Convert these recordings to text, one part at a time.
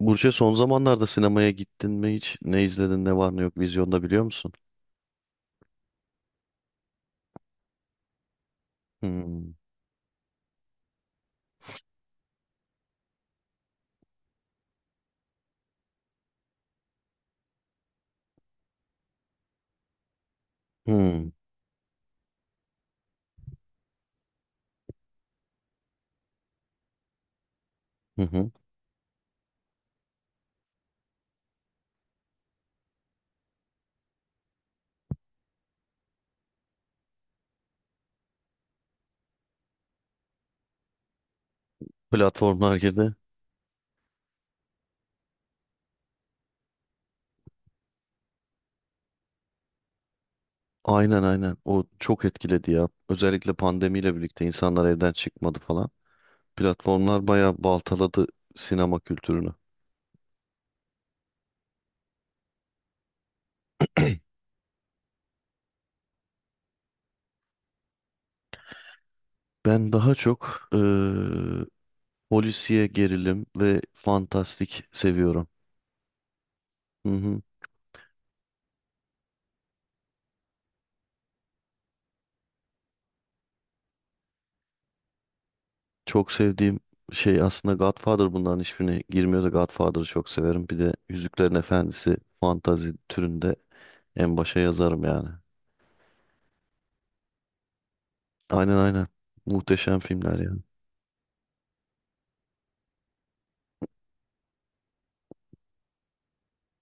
Burç'e son zamanlarda sinemaya gittin mi hiç? Ne izledin, ne var ne yok vizyonda biliyor musun? Hmm. Hmm. Hı hı. Platformlar girdi. Aynen aynen. O çok etkiledi ya. Özellikle pandemiyle birlikte insanlar evden çıkmadı falan. Platformlar bayağı baltaladı sinema kültürünü. Ben daha çok polisiye gerilim ve fantastik seviyorum. Hı hı. Çok sevdiğim şey aslında Godfather bunların hiçbirine girmiyor da Godfather'ı çok severim. Bir de Yüzüklerin Efendisi fantazi türünde en başa yazarım yani. Aynen aynen. Muhteşem filmler yani.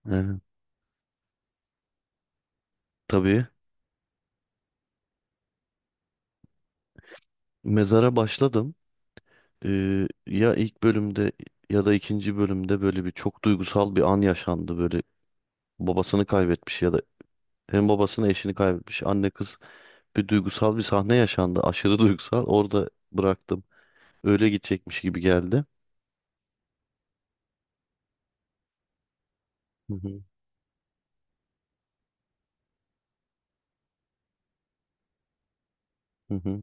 Aynen. Tabii. Mezara başladım. Ya ilk bölümde ya da ikinci bölümde böyle bir çok duygusal bir an yaşandı. Böyle babasını kaybetmiş ya da hem babasını eşini kaybetmiş anne kız bir duygusal bir sahne yaşandı. Aşırı duygusal. Orada bıraktım. Öyle gidecekmiş gibi geldi. Hı hı. Hı hı.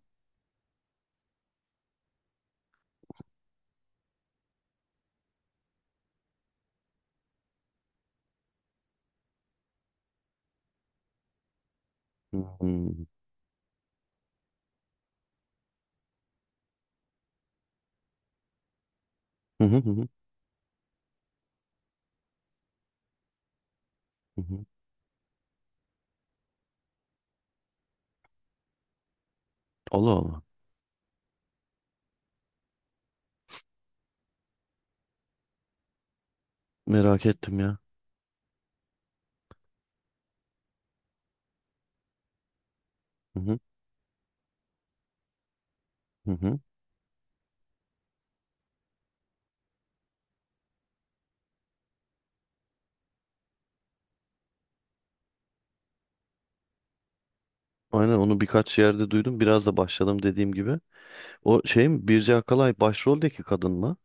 Hmm. Hı hı hı hı. Hı hı. Allah Allah. Merak ettim ya. Hı hı hı hı. Aynen, onu birkaç yerde duydum. Biraz da başladım dediğim gibi. O şey mi? Birce Akalay başroldeki kadın mı?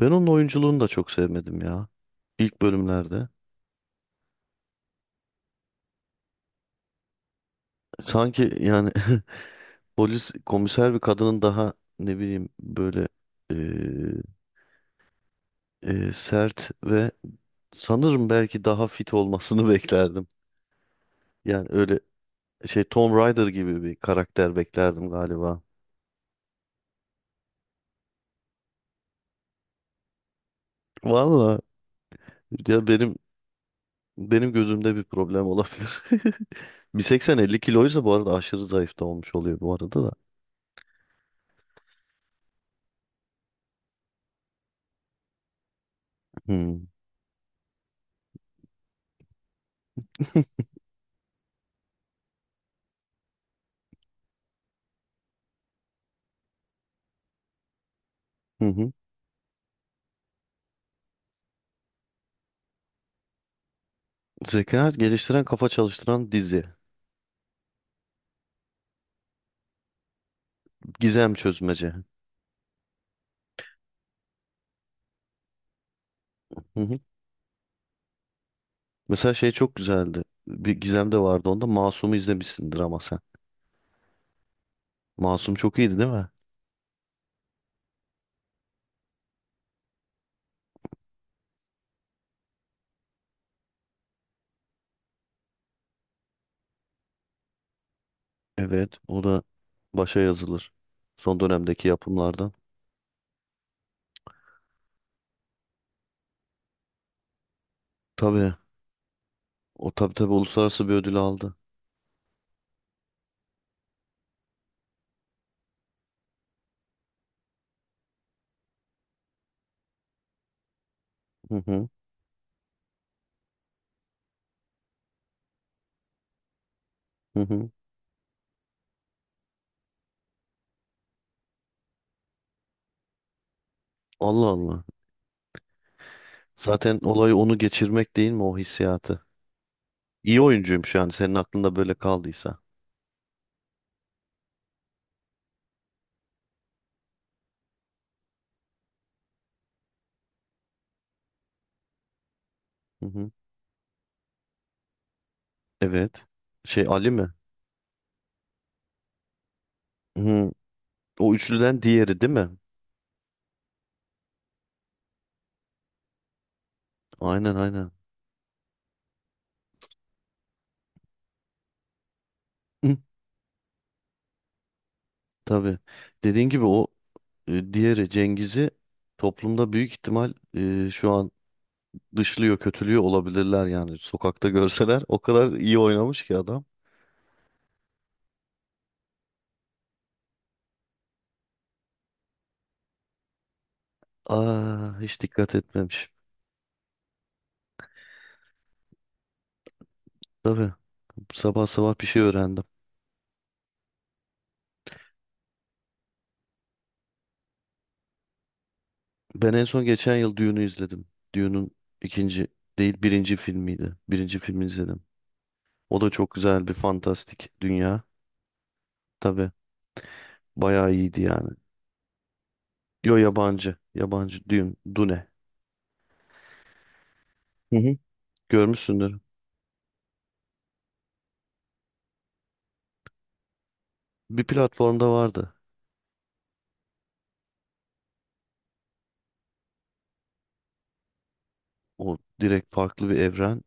Ben onun oyunculuğunu da çok sevmedim ya. İlk bölümlerde. Sanki yani polis komiser bir kadının daha ne bileyim böyle e, sert ve sanırım belki daha fit olmasını beklerdim. Yani öyle şey Tom Rider gibi bir karakter beklerdim galiba. Vallahi. Ya benim gözümde bir problem olabilir. 1.80-50 kiloysa bu arada aşırı zayıf da olmuş oluyor bu arada da. Hmm. Hı hı. Zeka geliştiren kafa çalıştıran dizi. Gizem çözmece. Hı hı. Mesela şey çok güzeldi. Bir Gizem de vardı onda. Masum'u izlemişsindir ama sen. Masum çok iyiydi değil mi? Evet. O da başa yazılır. Son dönemdeki yapımlardan. Tabii. O tabii tabii uluslararası bir ödül aldı. Hı hı. Hı hı. Allah Allah. Zaten olay onu geçirmek değil mi, o hissiyatı? İyi oyuncuyum şu an senin aklında böyle kaldıysa. Hı hı. Evet. Şey Ali mi? Hı. O üçlüden diğeri değil mi? Aynen aynen. Hı, tabii. Dediğin gibi o diğeri Cengiz'i toplumda büyük ihtimal şu an dışlıyor, kötülüyor olabilirler yani. Sokakta görseler o kadar iyi oynamış ki adam. Aa, hiç dikkat etmemiş. Tabii sabah sabah bir şey öğrendim. Ben en son geçen yıl Dune'u izledim. Dune'un ikinci değil birinci filmiydi. Birinci filmi izledim. O da çok güzel bir fantastik dünya. Tabii bayağı iyiydi yani. Yo, yabancı. Yabancı Dune. Dune. Hı hı. Görmüşsündür. Bir platformda vardı. O direkt farklı bir evren.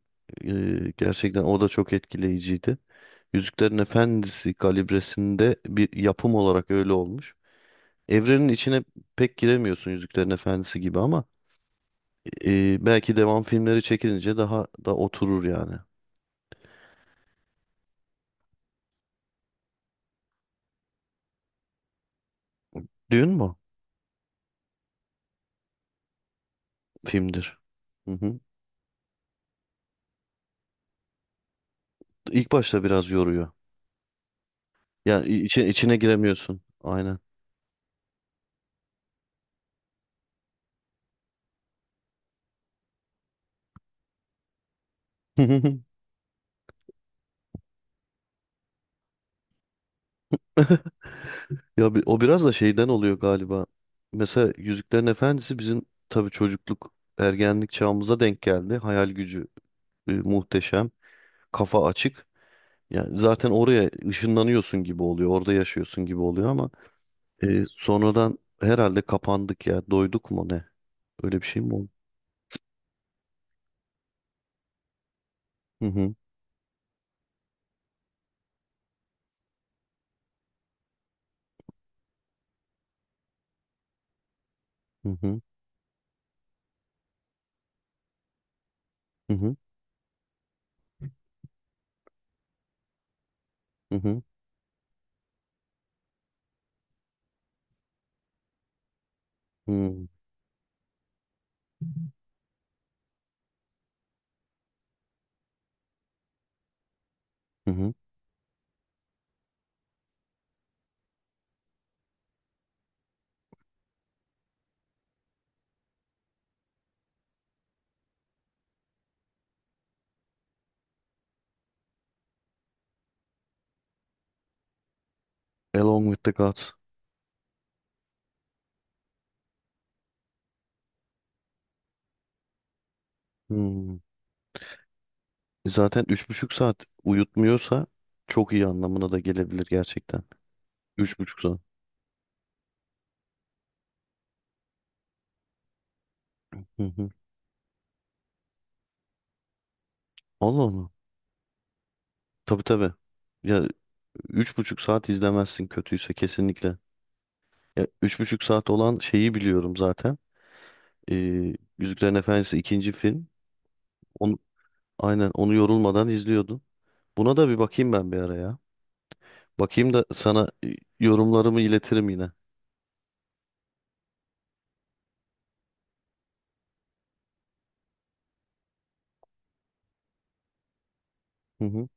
Gerçekten o da çok etkileyiciydi. Yüzüklerin Efendisi kalibresinde bir yapım olarak öyle olmuş. Evrenin içine pek giremiyorsun Yüzüklerin Efendisi gibi ama belki devam filmleri çekilince daha da oturur yani. Düğün mü? Filmdir. Hı hı. İlk başta biraz yoruyor. Yani içine giremiyorsun. Aynen. Ya o biraz da şeyden oluyor galiba. Mesela Yüzüklerin Efendisi bizim tabii çocukluk, ergenlik çağımıza denk geldi. Hayal gücü muhteşem, kafa açık. Yani zaten oraya ışınlanıyorsun gibi oluyor, orada yaşıyorsun gibi oluyor ama sonradan herhalde kapandık ya, doyduk mu ne? Öyle bir şey mi oldu? Hı hı, hı hı. Hı hı. Hı hı. Hı hı. Hı. Along with the Gods. Hmm. Zaten üç buçuk saat uyutmuyorsa çok iyi anlamına da gelebilir gerçekten. Üç buçuk saat. Hı hı. Allah Allah. Tabii tabii. Ya üç buçuk saat izlemezsin kötüyse kesinlikle. Ya üç buçuk saat olan şeyi biliyorum zaten. Yüzüklerin Efendisi ikinci film. Onu, aynen onu yorulmadan izliyordum. Buna da bir bakayım ben bir ara ya. Bakayım da sana yorumlarımı iletirim yine. Hı hı.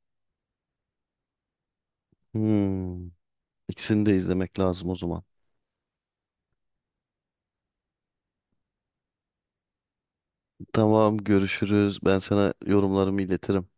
Hmm. İkisini de izlemek lazım o zaman. Tamam, görüşürüz. Ben sana yorumlarımı iletirim.